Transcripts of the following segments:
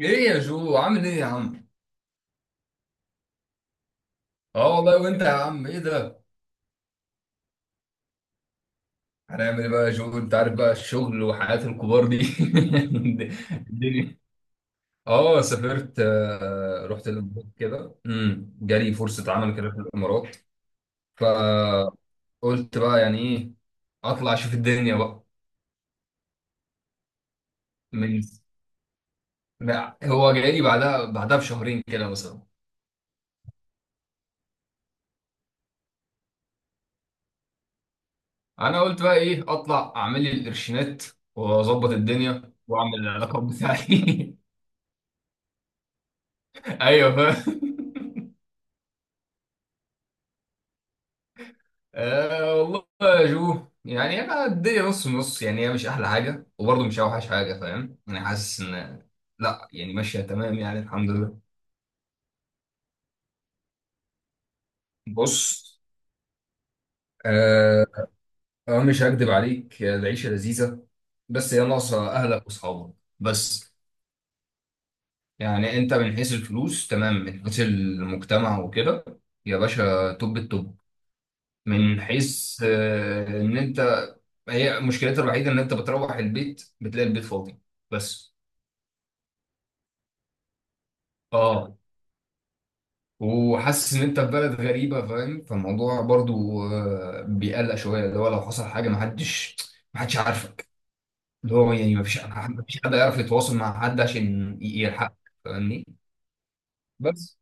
ايه يا جو، عامل ايه يا عم؟ اه والله، وانت يا عم؟ ايه ده؟ هنعمل ايه بقى يا جو؟ انت عارف بقى الشغل وحياة الكبار دي الدنيا. اه سافرت، رحت الامارات كده، جالي فرصة عمل كده في الامارات. فقلت بقى يعني ايه، اطلع اشوف الدنيا بقى. من هو جاي لي بعدها بشهرين كده مثلا. انا قلت بقى ايه، اطلع اعمل لي القرشينات واظبط الدنيا واعمل العلاقات بتاعتي. ايوه، فاهم. أه والله. يا جو يعني انا الدنيا نص نص، يعني هي مش احلى حاجه وبرضه مش اوحش حاجه، فاهم؟ انا حاسس ان، لا يعني ماشيه تمام، يعني الحمد لله. بص. أه. أه مش هكدب عليك، العيشه لذيذه، بس هي ناقصه اهلك واصحابك. بس يعني انت من حيث الفلوس تمام، من حيث المجتمع وكده يا باشا، توب التوب. من حيث ان انت، هي مشكلتها الوحيده ان انت بتروح البيت بتلاقي البيت فاضي. بس. اه. وحاسس ان انت في بلد غريبه، فاهم؟ فالموضوع برضو بيقلق شويه، اللي هو لو حصل حاجه ما حدش عارفك، اللي هو يعني ما فيش حد يعرف يتواصل مع حد عشان يلحقك. فاهمني؟ بس.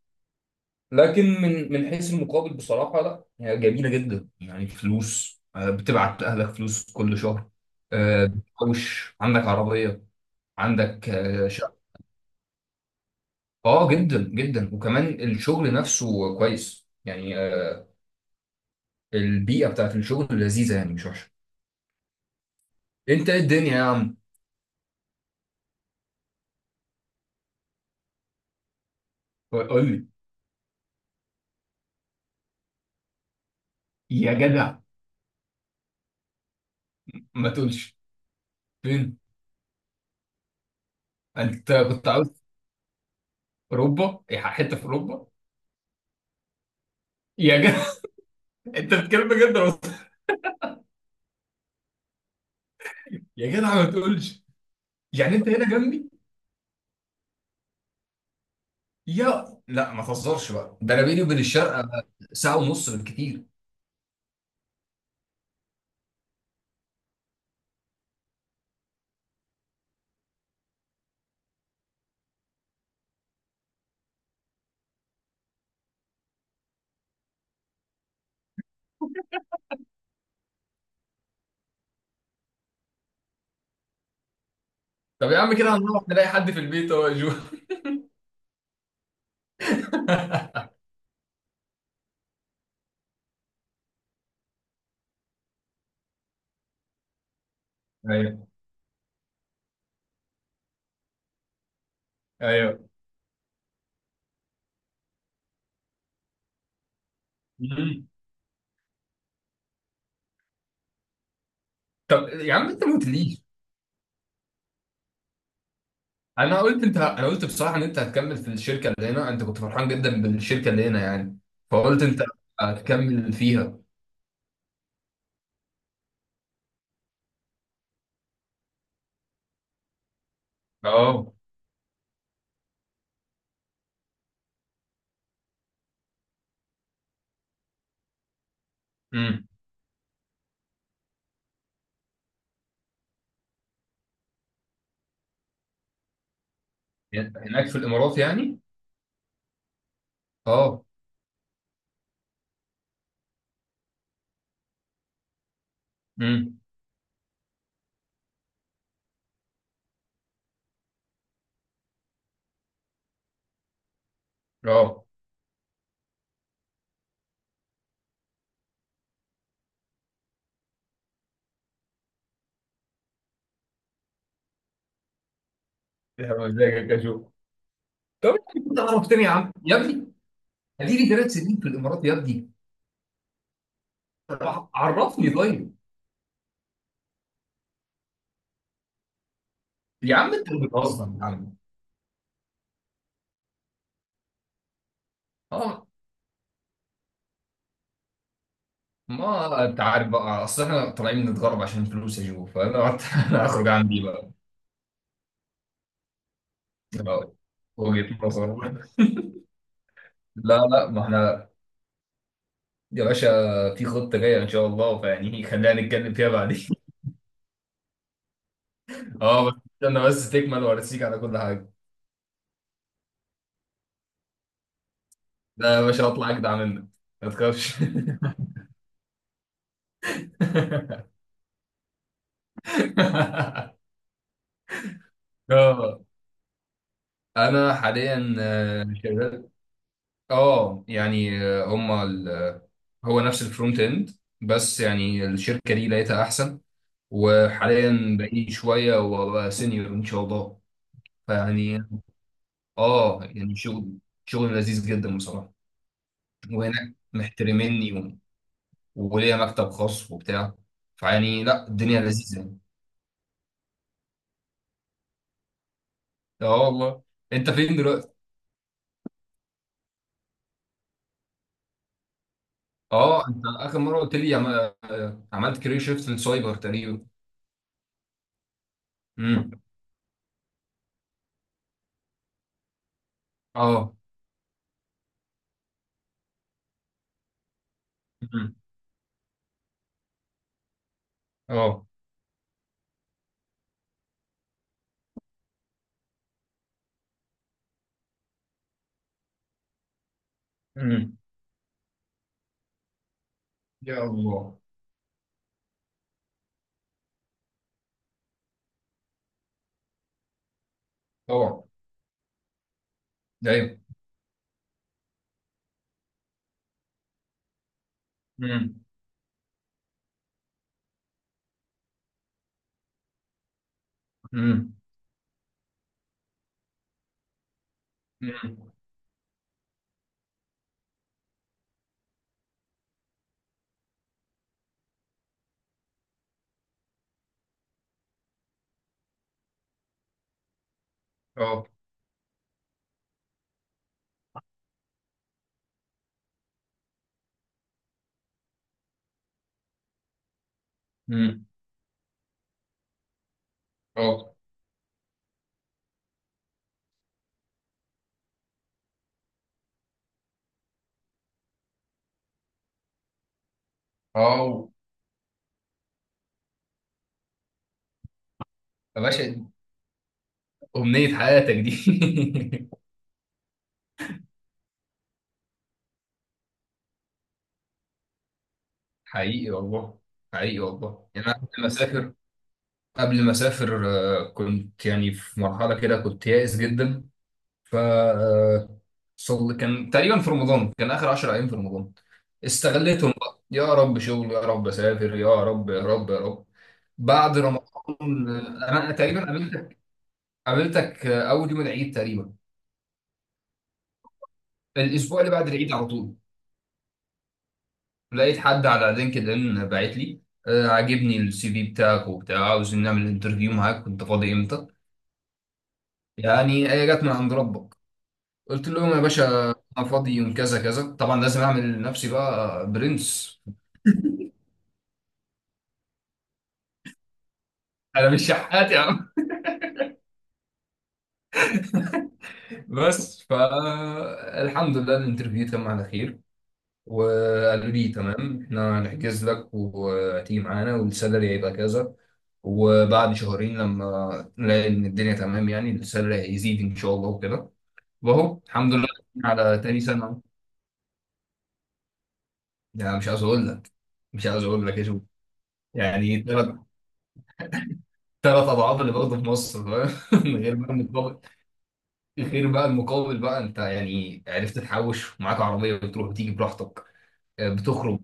لكن من حيث المقابل بصراحه لا، هي جميله جدا. يعني فلوس بتبعت لاهلك فلوس كل شهر، بتحوش، عندك عربيه، عندك شقه. اه جدا جدا. وكمان الشغل نفسه كويس يعني البيئه بتاعت الشغل لذيذه يعني، مش وحشه. انت ايه الدنيا يا عم؟ قول لي. يا جدع، ما تقولش. فين؟ انت كنت عاوز اوروبا؟ حته في اوروبا؟ يا جدع. انت بتتكلم بجد ولا بتهزر؟ يا جدع، ما تقولش. يعني انت هنا جنبي؟ يا لا، ما تهزرش بقى، ده انا بيني وبين الشرق ساعه ونص بالكتير. طب يا عم كده هنروح نلاقي حد في البيت، هو يا جو. ايوه. ايوه. مم. طب يا عم انت ما قلتليش. انا قلت بصراحه ان انت هتكمل في الشركه اللي هنا، انت كنت فرحان جدا بالشركه اللي هنا يعني. فقلت انت هتكمل فيها. اه. امم. هناك في الامارات يعني. اه. امم. اه. يا عم ازيك يا شو؟ طب يعني كنت عرفتني يا عم يا ابني. اديني 3 سنين في الامارات يا ابني. طب عرفني طيب. يا عم انت بتهزر يا عم. اه. ما انت عارف بقى، اصل احنا طالعين نتغرب عشان فلوس يا جو، فانا قعدت اخرج عندي بقى. آه. وجهة نظر. لا لا، ما احنا يا باشا في خطة جاية ان شاء الله، فيعني خلينا نتكلم فيها بعدين. اه بس. استنى بس تكمل وارسيك على كل حاجة. لا يا باشا، اطلع اجدع منك، ما تخافش. اه. انا حاليا شغال. اه يعني هما هو نفس الفرونت اند، بس يعني الشركة دي لقيتها احسن. وحاليا بقيت شوية وابقى سينيور ان شاء الله. فيعني اه يعني شغل، شغل لذيذ جدا بصراحة. وهناك محترميني وليا مكتب خاص وبتاع. فيعني لا، الدنيا لذيذة يعني. اه والله. انت فين دلوقتي؟ اه انت اخر مرة قلت لي، عم... آه، عملت كارير شيفت للسايبر تقريبا. امم. اه. امم. اه. امم. يا الله. طبعا. ايوه. امم. امم. امم. اه. امم. اه. اه يا باشا، أمنية حياتك دي. حقيقي والله. حقيقي والله. يعني أنا كنت مسافر قبل ما اسافر، كنت يعني في مرحله كده كنت يائس جدا. ف آه، صل كان تقريبا في رمضان، كان اخر 10 ايام في رمضان، استغليتهم بقى، يا رب شغل، يا رب اسافر، يا رب يا رب يا رب. بعد رمضان انا تقريبا قابلتك، قابلتك اول يوم العيد تقريبا. الاسبوع اللي بعد العيد على طول لقيت حد على لينكد ان باعت لي، عاجبني السي في بتاعك وبتاع، عاوز نعمل انترفيو معاك، كنت فاضي امتى؟ يعني هي جت من عند ربك. قلت لهم يا باشا انا فاضي يوم كذا كذا، طبعا لازم اعمل لنفسي بقى برنس، انا مش شحات يا عم. بس فالحمد لله الانترفيو تم على خير، وقالوا لي تمام، احنا هنحجز لك وهتيجي معانا، والسالري هيبقى كذا، وبعد شهرين لما نلاقي ان الدنيا تمام يعني السالري هيزيد ان شاء الله وكده. واهو الحمد لله. على تاني سنه. يعني مش عايز اقول لك، مش عايز اقول لك يا شو. يعني ثلاث، 3 اضعاف اللي باخده في مصر فاهم. من غير ما نتفق. غير بقى المقابل بقى، انت يعني عرفت تحوش ومعاك عربيه بتروح وتيجي براحتك، بتخرج،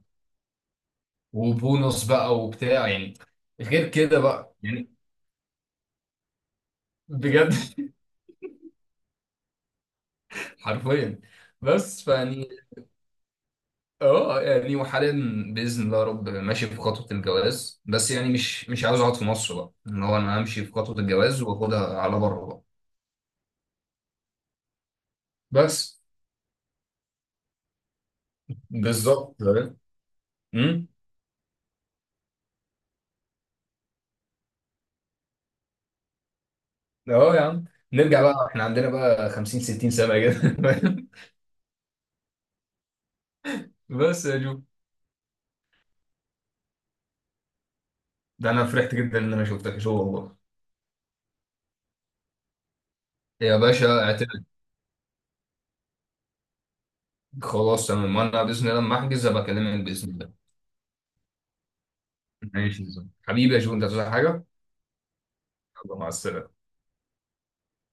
وبونص بقى وبتاع يعني، غير كده بقى يعني. بجد. حرفيا. بس فيعني اه يعني وحاليا، باذن الله يا رب ماشي في خطوه الجواز، بس يعني مش عاوز اقعد في مصر بقى، ان هو انا امشي في خطوه الجواز واخدها على بره بقى. بس. بالظبط. امم. اه يا عم. نرجع بقى احنا عندنا بقى 50 60 سنه كده. بس يا جو. ده انا فرحت جدا ان انا شفتك شو والله. يا باشا اعتمد. خلاص تمام، وانا باذن الله لما احجز ابقى اكلمك باذن الله. ماشي يا زلمة. حبيبي يا جو انت عايز حاجه؟ يلا مع السلامه.